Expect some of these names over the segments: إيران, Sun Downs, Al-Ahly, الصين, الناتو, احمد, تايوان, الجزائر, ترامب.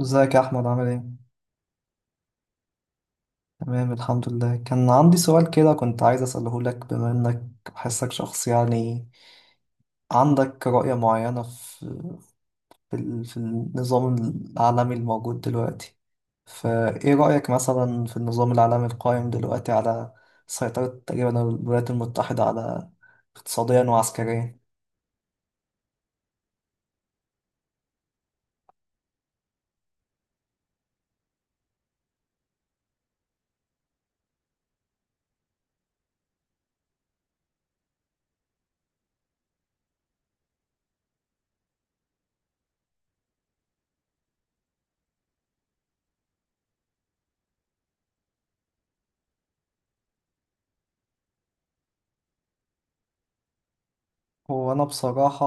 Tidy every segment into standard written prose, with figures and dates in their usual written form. ازيك يا احمد، عامل ايه؟ تمام، الحمد لله. كان عندي سؤال كده كنت عايز اساله لك، بما انك بحسك شخص يعني عندك رؤية معينة في في النظام العالمي الموجود دلوقتي. فايه رأيك مثلا في النظام العالمي القائم دلوقتي على سيطرة تقريبا الولايات المتحدة على، اقتصاديا وعسكريا. هو أنا بصراحة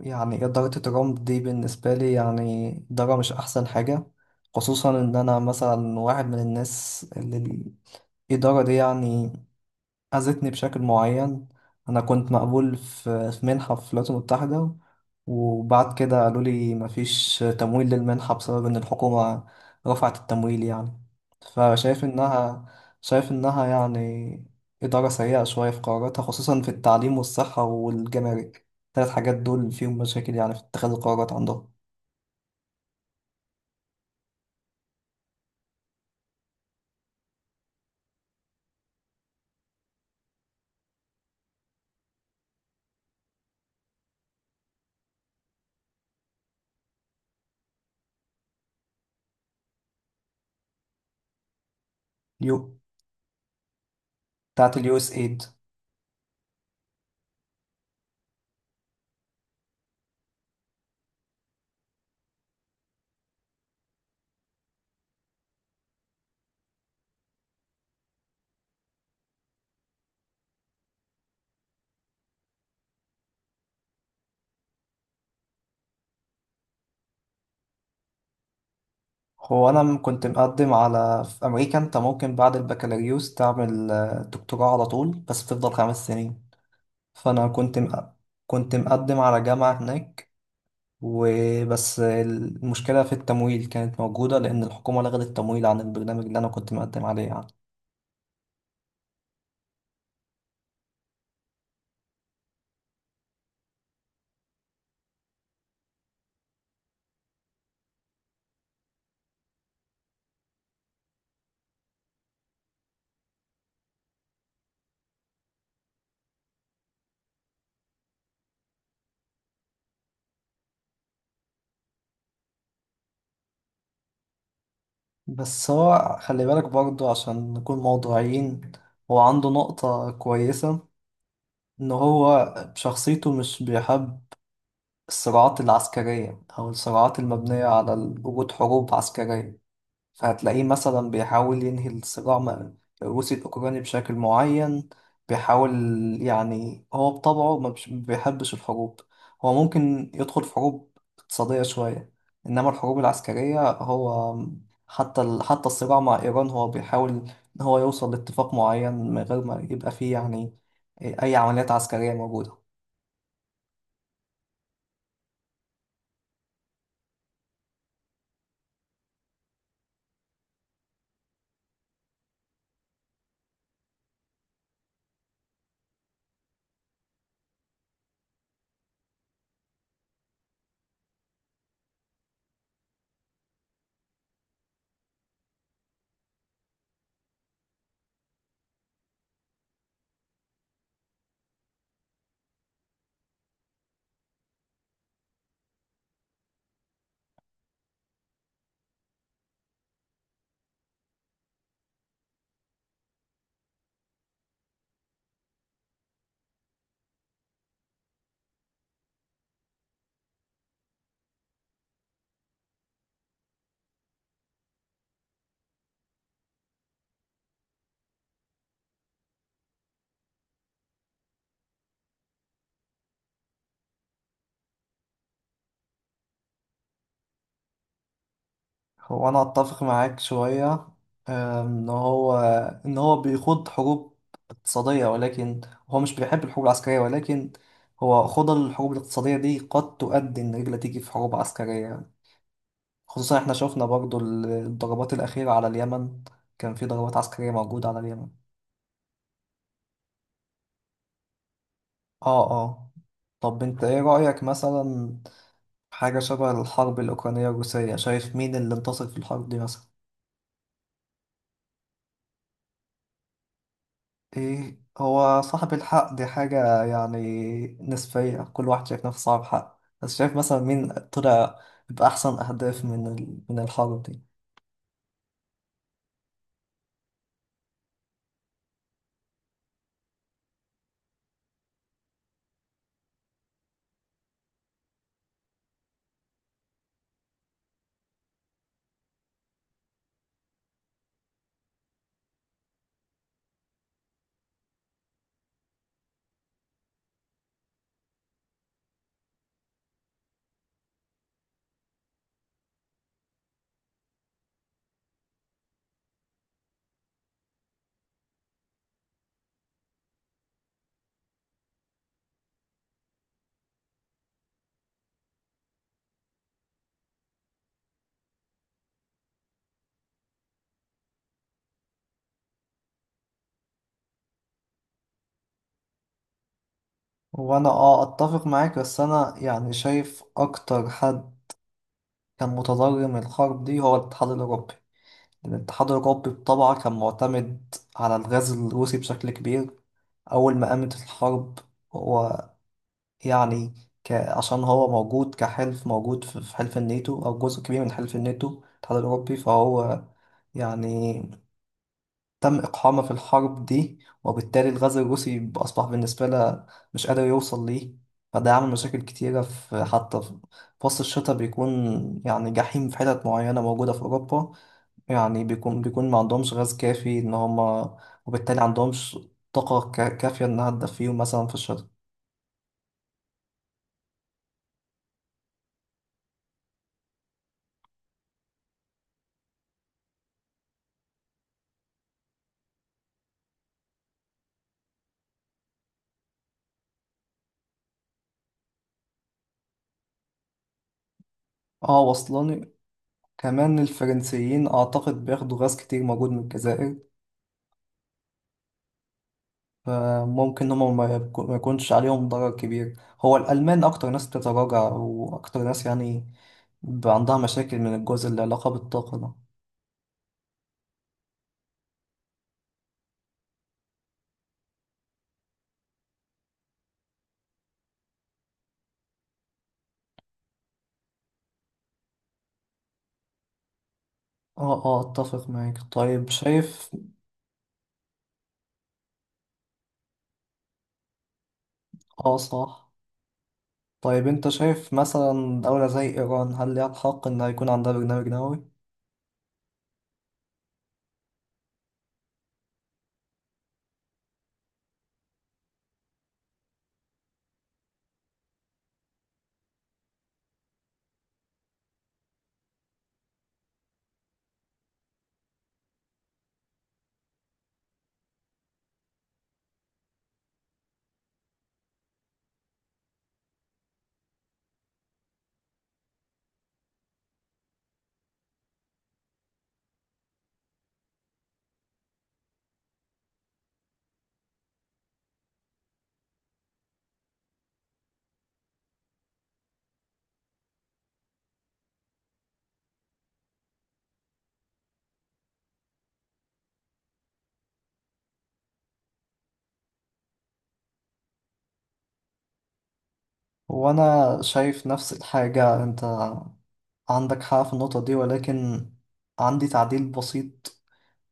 يعني إدارة ترامب دي بالنسبة لي يعني إدارة مش أحسن حاجة، خصوصا إن أنا مثلا واحد من الناس اللي الإدارة دي يعني أذتني بشكل معين. أنا كنت مقبول في منحة في الولايات المتحدة، وبعد كده قالوا لي مفيش تمويل للمنحة بسبب إن الحكومة رفعت التمويل يعني. فشايف إنها شايف إنها يعني إدارة سيئة شوية في قراراتها، خصوصا في التعليم والصحة والجمارك. الثلاث حاجات دول فيهم مشاكل يعني في اتخاذ القرارات عندهم. يو، بتاعت USAID. هو أنا كنت مقدم على، في أمريكا أنت ممكن بعد البكالوريوس تعمل دكتوراه على طول بس بتفضل 5 سنين. فأنا كنت مقدم على جامعة هناك، وبس المشكلة في التمويل كانت موجودة لأن الحكومة لغت التمويل عن البرنامج اللي أنا كنت مقدم عليه يعني. بس هو خلي بالك برضه عشان نكون موضوعيين. هو عنده نقطة كويسة، إن هو بشخصيته مش بيحب الصراعات العسكرية أو الصراعات المبنية على وجود حروب عسكرية. فهتلاقيه مثلا بيحاول ينهي الصراع الروسي الأوكراني بشكل معين، بيحاول يعني هو بطبعه ما بيحبش الحروب. هو ممكن يدخل في حروب اقتصادية شوية، إنما الحروب العسكرية هو، حتى الصراع مع إيران هو بيحاول إن هو يوصل لاتفاق معين من غير ما يبقى فيه يعني أي عمليات عسكرية موجودة. هو انا اتفق معاك شوية، أم، ان هو ان هو بيخوض حروب اقتصادية، ولكن هو مش بيحب الحروب العسكرية. ولكن هو خوض الحروب الاقتصادية دي قد تؤدي ان رجل تيجي في حروب عسكرية، خصوصا احنا شفنا برضو الضربات الأخيرة على اليمن. كان في ضربات عسكرية موجودة على اليمن. اه، اه. طب انت ايه رأيك مثلا في حاجة شبه الحرب الأوكرانية الروسية؟ شايف مين اللي انتصر في الحرب دي مثلا؟ إيه، هو صاحب الحق دي حاجة يعني نسبية. كل واحد شايف نفسه صاحب حق، بس شايف مثلا مين طلع بأحسن أهداف من من الحرب دي. وأنا أه أتفق معاك، بس أنا يعني شايف أكتر حد كان متضرر من الحرب دي هو الاتحاد الأوروبي. الاتحاد الأوروبي بطبعه كان معتمد على الغاز الروسي بشكل كبير. أول ما قامت الحرب هو يعني عشان هو موجود كحلف موجود في في حلف الناتو أو جزء كبير من حلف الناتو الاتحاد الأوروبي، فهو يعني تم إقحامه في الحرب دي، وبالتالي الغاز الروسي أصبح بالنسبة له مش قادر يوصل ليه، فده عامل مشاكل كتيرة في حتى في وسط الشتاء بيكون يعني جحيم في حتت معينة موجودة في أوروبا. يعني بيكون ما عندهمش غاز كافي إن هما، وبالتالي عندهمش طاقة كافية إنها تدفيهم مثلا في الشتاء. اه، واصلاني. كمان الفرنسيين أعتقد بياخدوا غاز كتير موجود من الجزائر، فممكن هما ما يكونش عليهم ضرر كبير. هو الألمان أكتر ناس بتتراجع وأكتر ناس يعني عندها مشاكل من الجزء اللي علاقة بالطاقة ده. اه، اه، أتفق معاك. طيب شايف، اه، صح. طيب أنت شايف مثلا دولة زي إيران، هل ليها الحق إن يكون عندها برنامج نووي؟ وأنا شايف نفس الحاجة. أنت عندك حق في النقطة دي، ولكن عندي تعديل بسيط،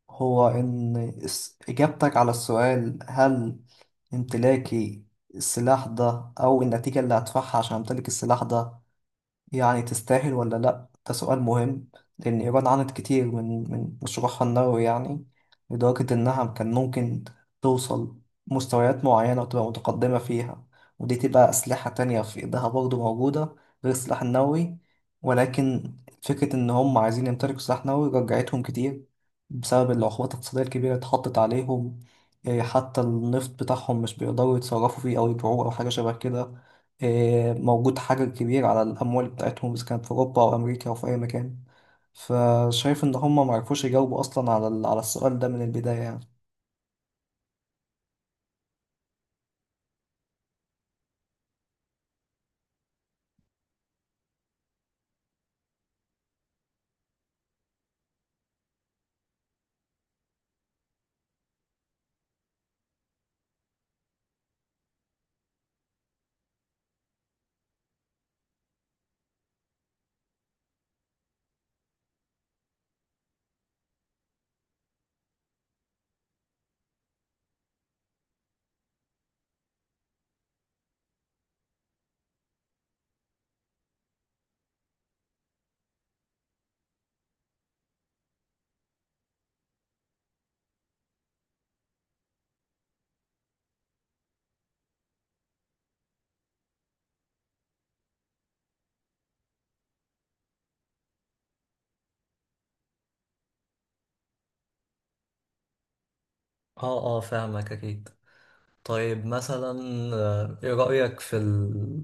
هو إن إجابتك على السؤال، هل امتلاكي السلاح ده أو النتيجة اللي هدفعها عشان أمتلك السلاح ده يعني تستاهل ولا لأ، ده سؤال مهم. لأن إيران عانت كتير من مشروعها النووي يعني، لدرجة إنها كان ممكن توصل مستويات معينة وتبقى متقدمة فيها. ودي تبقى أسلحة تانية في إيدها برضه موجودة غير السلاح النووي. ولكن فكرة إن هم عايزين يمتلكوا سلاح نووي رجعتهم كتير بسبب العقوبات الاقتصادية الكبيرة اللي اتحطت عليهم. حتى النفط بتاعهم مش بيقدروا يتصرفوا فيه أو يبيعوه أو حاجة شبه كده. موجود حجر كبير على الأموال بتاعتهم إذا كانت في أوروبا أو أمريكا أو في أي مكان. فشايف إن هم معرفوش يجاوبوا أصلا على على السؤال ده من البداية يعني. اه، اه، فاهمك اكيد. طيب مثلا، ايه رأيك في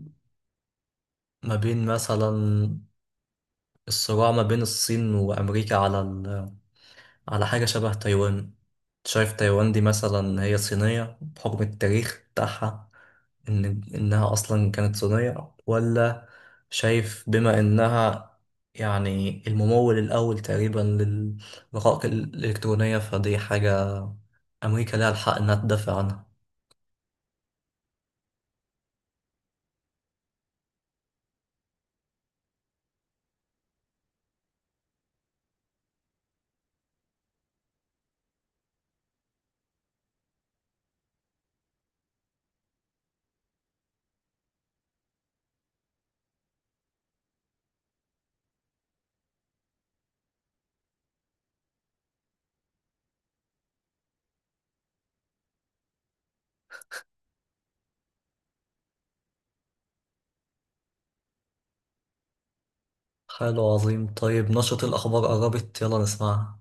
ما بين مثلا الصراع ما بين الصين وامريكا على على حاجة شبه تايوان؟ شايف تايوان دي مثلا هي صينية بحكم التاريخ بتاعها، ان انها اصلا كانت صينية، ولا شايف بما انها يعني الممول الأول تقريبا للرقائق الإلكترونية فدي حاجة أمريكا لها الحق إنها تدافع عنها؟ حلو، عظيم. طيب نشرة الأخبار قربت، يلا نسمعها.